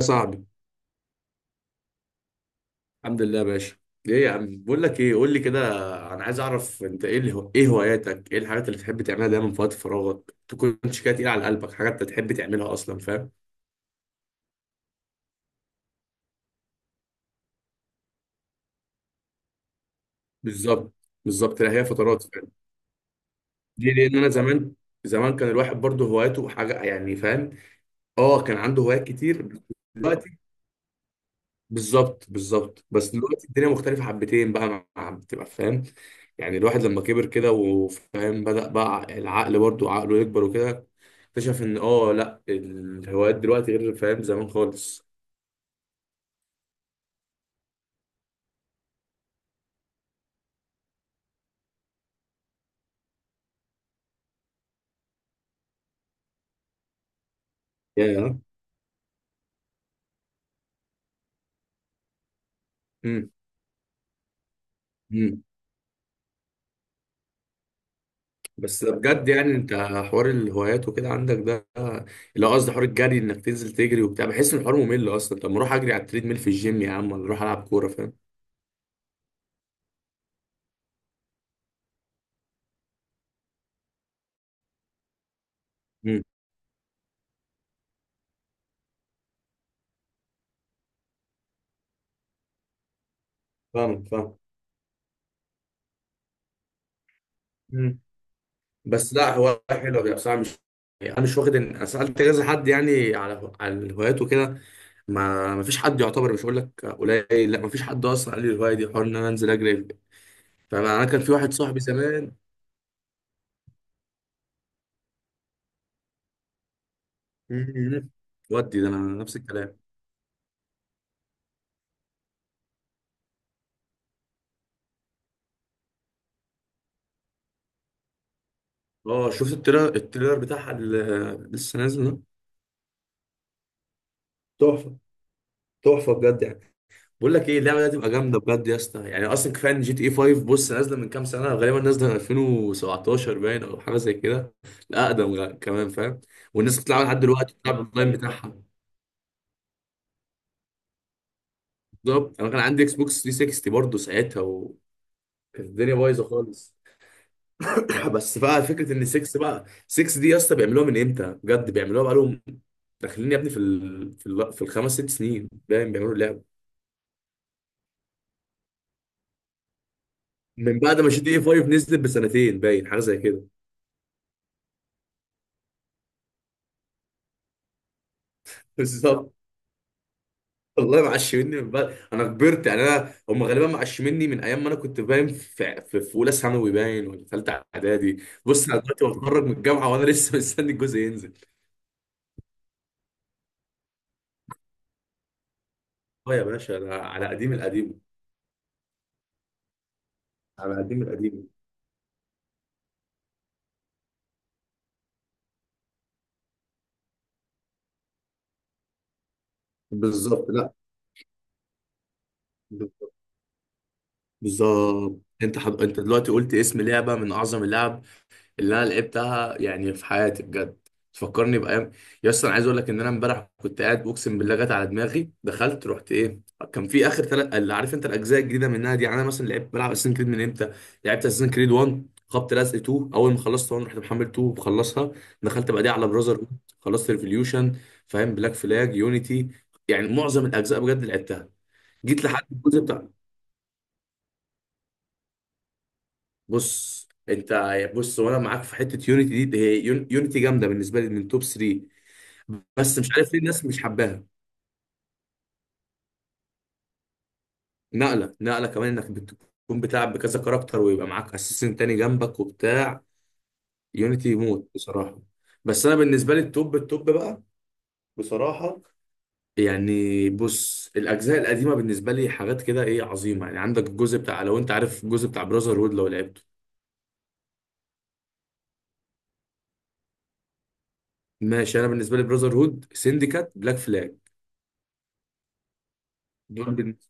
يا صاحبي. الحمد لله يا باشا. ايه يا عم، بقول لك ايه، قول لي كده. انا عايز اعرف انت ايه، اللي هو ايه هواياتك، ايه الحاجات اللي بتحب تعملها دايما في وقت فراغك، تكونش كده تقيله على قلبك، حاجات انت تحب تعملها اصلا، فاهم؟ بالظبط. بالظبط، لا هي فترات فاهم. ليه؟ لان انا زمان، زمان كان الواحد برضه هواياته حاجه يعني، فاهم؟ اه كان عنده هوايات كتير. دلوقتي بالظبط بالظبط، بس دلوقتي الدنيا مختلفة حبتين بقى، بتبقى فاهم. يعني الواحد لما كبر كده وفاهم، بدأ بقى العقل برضو عقله يكبر وكده. اكتشف ان لا الهوايات دلوقتي غير فاهم زمان خالص. يا امم امم. بس ده بجد يعني انت، حوار الهوايات وكده عندك ده، اللي هو قصدي حوار الجري انك تنزل تجري وبتاع، بحس ان الحوار ممل اصلا، طب ما اروح اجري على التريد ميل في الجيم يا عم، ولا اروح العب كورة، فاهم؟ امم. فاهم فاهم. بس لا هواية حلوة بقى بصراحة، مش يعني، أنا مش واخد إن أنا سألت كذا حد يعني على على الهوايات وكده. ما فيش حد يعتبر، مش هقول لك قليل، لا ما فيش حد أصلا قال لي الهواية دي حوار إن أنا أنزل أجري. فأنا كان في واحد صاحبي زمان. مم. ودي ده أنا نفس الكلام. أه شفت التريلر، بتاعها اللي لسه نازل ده. تحفة، تحفة بجد يعني. بقول لك ايه، اللعبه دي هتبقى جامده بجد يا اسطى، يعني اصلا كفايه ان جي تي اي 5، بص نازله من كام سنه، غالبا نازله من 2017 باين او حاجه زي كده. لا اقدم كمان فاهم. والناس بتلعب لحد دلوقتي، بتلعب الاونلاين بتاعها. بالظبط انا كان عندي اكس بوكس 360 برضه ساعتها، وكانت الدنيا بايظه خالص. بس بقى فكره ان 6، بقى 6 دي يا اسطى بيعملوها من امتى، بجد بيعملوها بقى لهم داخلين يا ابني في الخمس ست سنين باين بيعملوا اللعبه. من بعد ما جي تي اي 5 نزلت بسنتين باين، حاجه زي كده. بالظبط. والله معشمني من بعد انا كبرت، يعني انا هم غالبا معشمني من ايام ما انا كنت باين في اولى ثانوي باين ولا ثالثه اعدادي. بص انا دلوقتي بتخرج من الجامعه، وانا لسه مستني الجزء ينزل. اه يا باشا انا على قديم القديم. على قديم القديم. بالظبط، لا بالظبط. بالظبط. انت انت دلوقتي قلت اسم لعبه من اعظم اللعب اللي انا لعبتها يعني في حياتي بجد، تفكرني بايام. يا اسطى انا عايز اقول لك ان انا امبارح كنت قاعد، اقسم بالله جت على دماغي، دخلت رحت ايه. كان في اخر ثلاث، اللي عارف انت الاجزاء الجديده منها دي، يعني انا مثلا لعبت، بلعب اساسن كريد من امتى. لعبت اساسن كريد 1، خبط لزق 2، اول ما خلصت 1، رحت محمل 2 وخلصها. دخلت بقى دي على براذر هود، خلصت ريفوليوشن، فاهم؟ بلاك فلاج، يونيتي، يعني معظم الاجزاء بجد لعبتها. جيت لحد الجزء بتاع، بص انت، بص وانا معاك في حته يونيتي دي، هي يونيتي جامده بالنسبه لي من توب 3. بس مش عارف ليه الناس مش حباها. نقله، نقله كمان انك بتكون بتلعب بكذا كاركتر، ويبقى معاك اساسن تاني جنبك وبتاع. يونيتي يموت بصراحه. بس انا بالنسبه لي التوب بقى، بصراحه. يعني بص الاجزاء القديمه بالنسبه لي حاجات كده ايه، عظيمه. يعني عندك الجزء بتاع، لو انت عارف الجزء بتاع براذر هود لو لعبته. ماشي، انا بالنسبه لي براذر هود، سينديكات، بلاك فلاج، دول بالنسبه.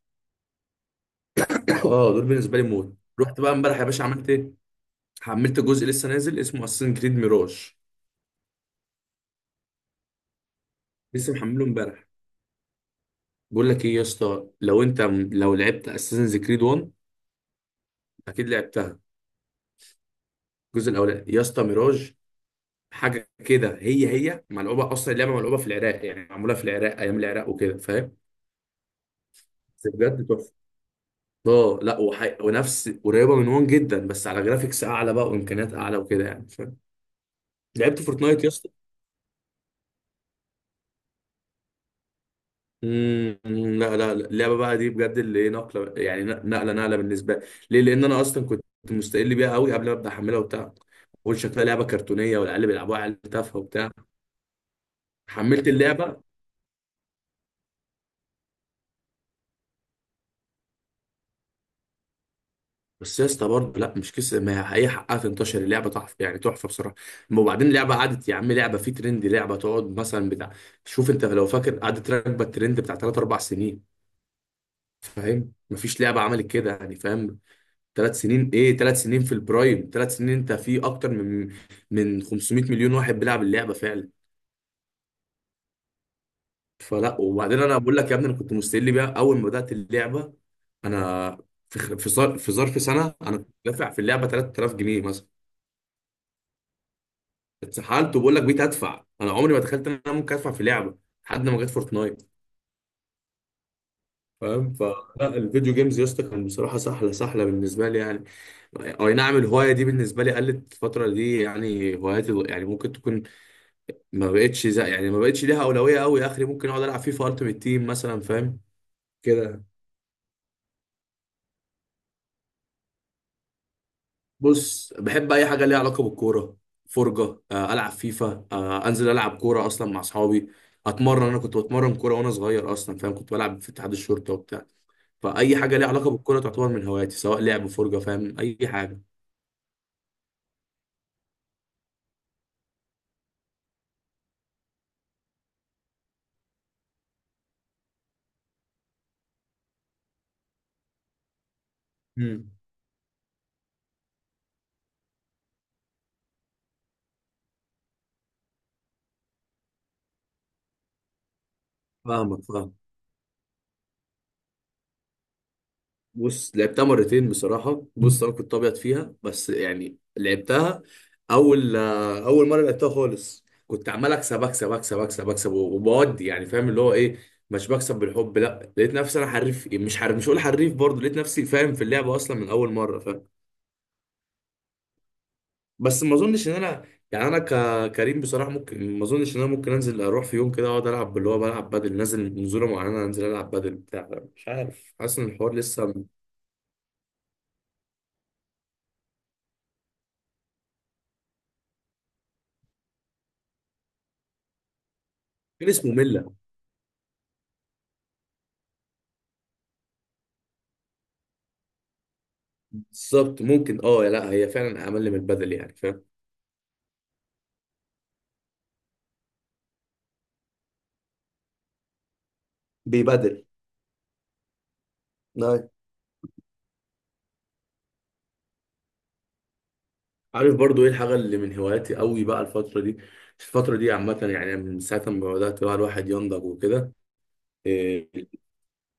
اه دول بالنسبه لي موت. رحت بقى امبارح يا باشا، عملت ايه، حملت جزء لسه نازل، اسمه اساسن كريد ميراج. لسه محمله امبارح. بقول لك ايه يا اسطى، لو انت لو لعبت اساسنز كريد 1 اكيد لعبتها. الجزء الاولاني يا اسطى، ميراج حاجه كده، هي هي ملعوبه اصلا، اللعبه ملعوبه في العراق، يعني معموله في العراق، ايام العراق وكده، فاهم؟ بس بجد تحفه. اه لا ونفس قريبه من 1 جدا، بس على جرافيكس اعلى بقى وامكانيات اعلى وكده يعني، فاهم؟ لعبت فورتنايت يا اسطى؟ امم، لا لا لا. اللعبه بقى دي بجد اللي ايه، نقله يعني، نقله نقله بالنسبه لي. ليه؟ لان انا اصلا كنت مستقل بيها قوي قبل ما ابدا احملها وبتاع. بقول شكلها لعبه كرتونيه، والعيال بيلعبوها عيال تافهه وبتاع. حملت اللعبه، بس يا اسطى برضه لا مش كسر، ما هي هي حقها تنتشر، اللعبه تحفه يعني، تحفه بصراحه. أما وبعدين اللعبه قعدت يا عم، لعبه في ترند لعبه تقعد مثلا بتاع، شوف انت لو فاكر قعدت راكبه الترند بتاع 3 4 سنين، فاهم؟ مفيش لعبه عملت كده يعني، فاهم؟ ثلاث سنين ايه، ثلاث سنين في البرايم، ثلاث سنين انت في اكتر من 500 مليون واحد بيلعب اللعبه فعلا. فلا، وبعدين انا بقول لك يا ابني انا كنت مستقل بيها اول ما بدات اللعبه. انا في خ- في ظر- في ظرف سنه انا كنت دافع في اللعبه 3000 جنيه مثلا. اتسحلت. وبقول لك بقيت ادفع، انا عمري ما تخيلت ان انا ممكن ادفع في لعبه لحد ما جت فورتنايت. فاهم؟ فالفيديو جيمز يا اسطى كان بصراحه سحله، سحله بالنسبه لي يعني. اي نعم، الهوايه دي بالنسبه لي قلت الفتره دي يعني، هواياتي يعني ممكن تكون ما بقتش زي يعني، ما بقتش ليها اولويه قوي اخري، ممكن اقعد العب فيفا التيمت تيم مثلا، فاهم؟ كده. بص بحب اي حاجه ليها علاقه بالكوره، فرجه، العب فيفا، انزل العب كوره اصلا مع اصحابي، اتمرن. انا كنت بتمرن كوره وانا صغير اصلا فاهم، كنت بلعب في اتحاد الشرطه وبتاع. فاي حاجه ليها علاقه بالكوره تعتبر من هواياتي، سواء لعب، فرجه، فاهم، اي حاجه. مم. فاهمك فاهمك. بص لعبتها مرتين بصراحة، بص أنا كنت أبيض فيها، بس يعني لعبتها. أول أول مرة لعبتها خالص كنت عمال أكسب أكسب أكسب أكسب أكسب وبودي يعني، فاهم اللي هو إيه، مش بكسب بالحب. لا لقيت نفسي أنا حريف، مش حريف، مش هقول حريف برضه، لقيت نفسي فاهم في اللعبة أصلا من أول مرة، فاهم؟ بس ما أظنش إن أنا، يعني أنا كريم بصراحة، ممكن ما أظنش إن أنا ممكن أنزل أروح في يوم كده أقعد ألعب، اللي هو بلعب بدل نازل نزولة معينة أنزل ألعب بدل بتاع، مش عارف، حاسس إن الحوار لسه كان اسمه ملة. بالظبط ممكن، اه لا هي فعلا اقل من البدل يعني فاهم. بيبدل. نعم. عارف برضو ايه الحاجه اللي من هواياتي قوي بقى الفتره دي، الفتره دي عامه يعني من ساعه ما بدات بقى الواحد ينضج وكده. إيه؟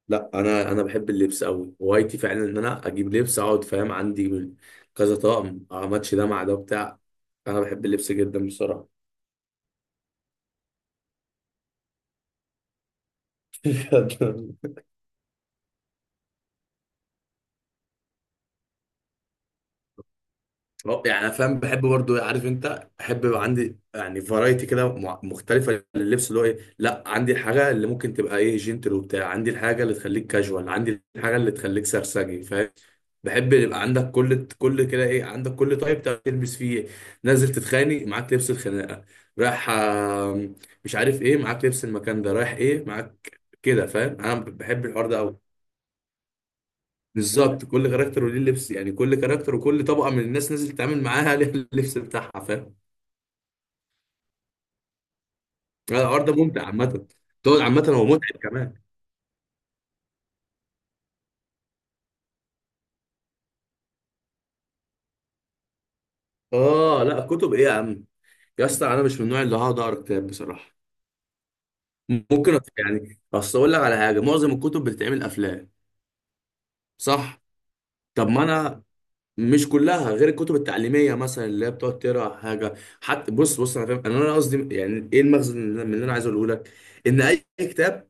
لا انا، بحب اللبس قوي، هوايتي فعلا ان انا اجيب لبس، اقعد فاهم عندي كذا طقم اماتش ده مع ده بتاع. انا بحب اللبس جدا بصراحه. اه يعني انا فاهم بحب برضو، عارف انت بحب يبقى عندي يعني فرايتي كده مختلفه لللبس اللي هو ايه، لا عندي الحاجه اللي ممكن تبقى ايه جنتل وبتاع، عندي الحاجه اللي تخليك كاجوال، عندي الحاجه اللي تخليك سرسجي، فاهم؟ بحب يبقى عندك كل كده ايه، عندك كل طيب تعرف تلبس فيه إيه. نازل تتخانق معاك لبس الخناقه، رايح مش عارف ايه معاك لبس المكان ده، رايح ايه معاك كده، فاهم؟ انا بحب الحوار ده قوي. بالظبط، كل كاركتر وليه لبس، يعني كل كاركتر وكل طبقه من الناس نازل تتعامل معاها ليها اللبس بتاعها، فاهم؟ لا، الحوار ده ممتع عامه. تقعد عامه هو متعب كمان. اه لا كتب ايه يا عم، يا اسطى انا مش من النوع اللي هقعد اقرا كتاب بصراحه. ممكن يعني اصل اقول لك على حاجه، معظم الكتب بتتعمل افلام. صح. طب ما انا، مش كلها غير الكتب التعليميه مثلا اللي هي بتقعد تقرا حاجه. حتى بص بص انا فاهم انا، قصدي يعني ايه المغزى من اللي انا عايز اقوله لك، ان اي كتاب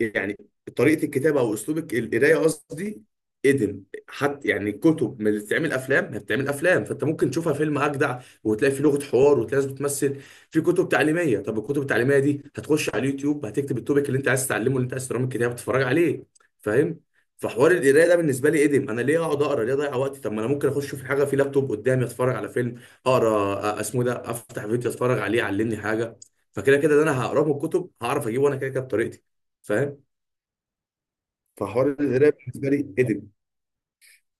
يعني، طريقه الكتابه او اسلوبك القرايه قصدي ادم، حتى يعني الكتب ما بتتعمل افلام، ما بتتعمل افلام، فانت ممكن تشوفها فيلم اجدع وتلاقي فيه لغه حوار وتلاقي ناس بتمثل. في كتب تعليميه، طب الكتب التعليميه دي هتخش على اليوتيوب، هتكتب التوبيك اللي انت عايز تتعلمه، اللي انت عايز تقراه من الكتاب تتفرج عليه، فاهم؟ فحوار القرايه ده بالنسبه لي ادم، انا ليه اقعد اقرا، ليه اضيع وقتي، طب ما انا ممكن اخش في حاجه، في لابتوب قدامي اتفرج على فيلم، اقرا اسمه إيه ده، افتح فيديو اتفرج عليه يعلمني حاجه، فكده كده ده انا هقراه من الكتب هعرف اجيبه انا كده كده بطريقتي، فاهم؟ فحوار القرايه بالنسبه لي ادم،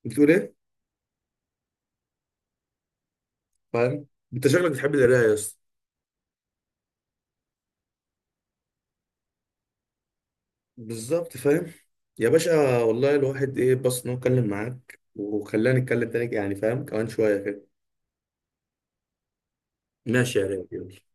بتقول ايه؟ فاهم. انت شكلك بتحب القرايه يا اسطى. بالظبط فاهم. يا باشا والله الواحد ايه بس انه اتكلم معاك، وخلاني اتكلم تاني يعني فاهم، كمان شويه كده. ماشي يا ريت.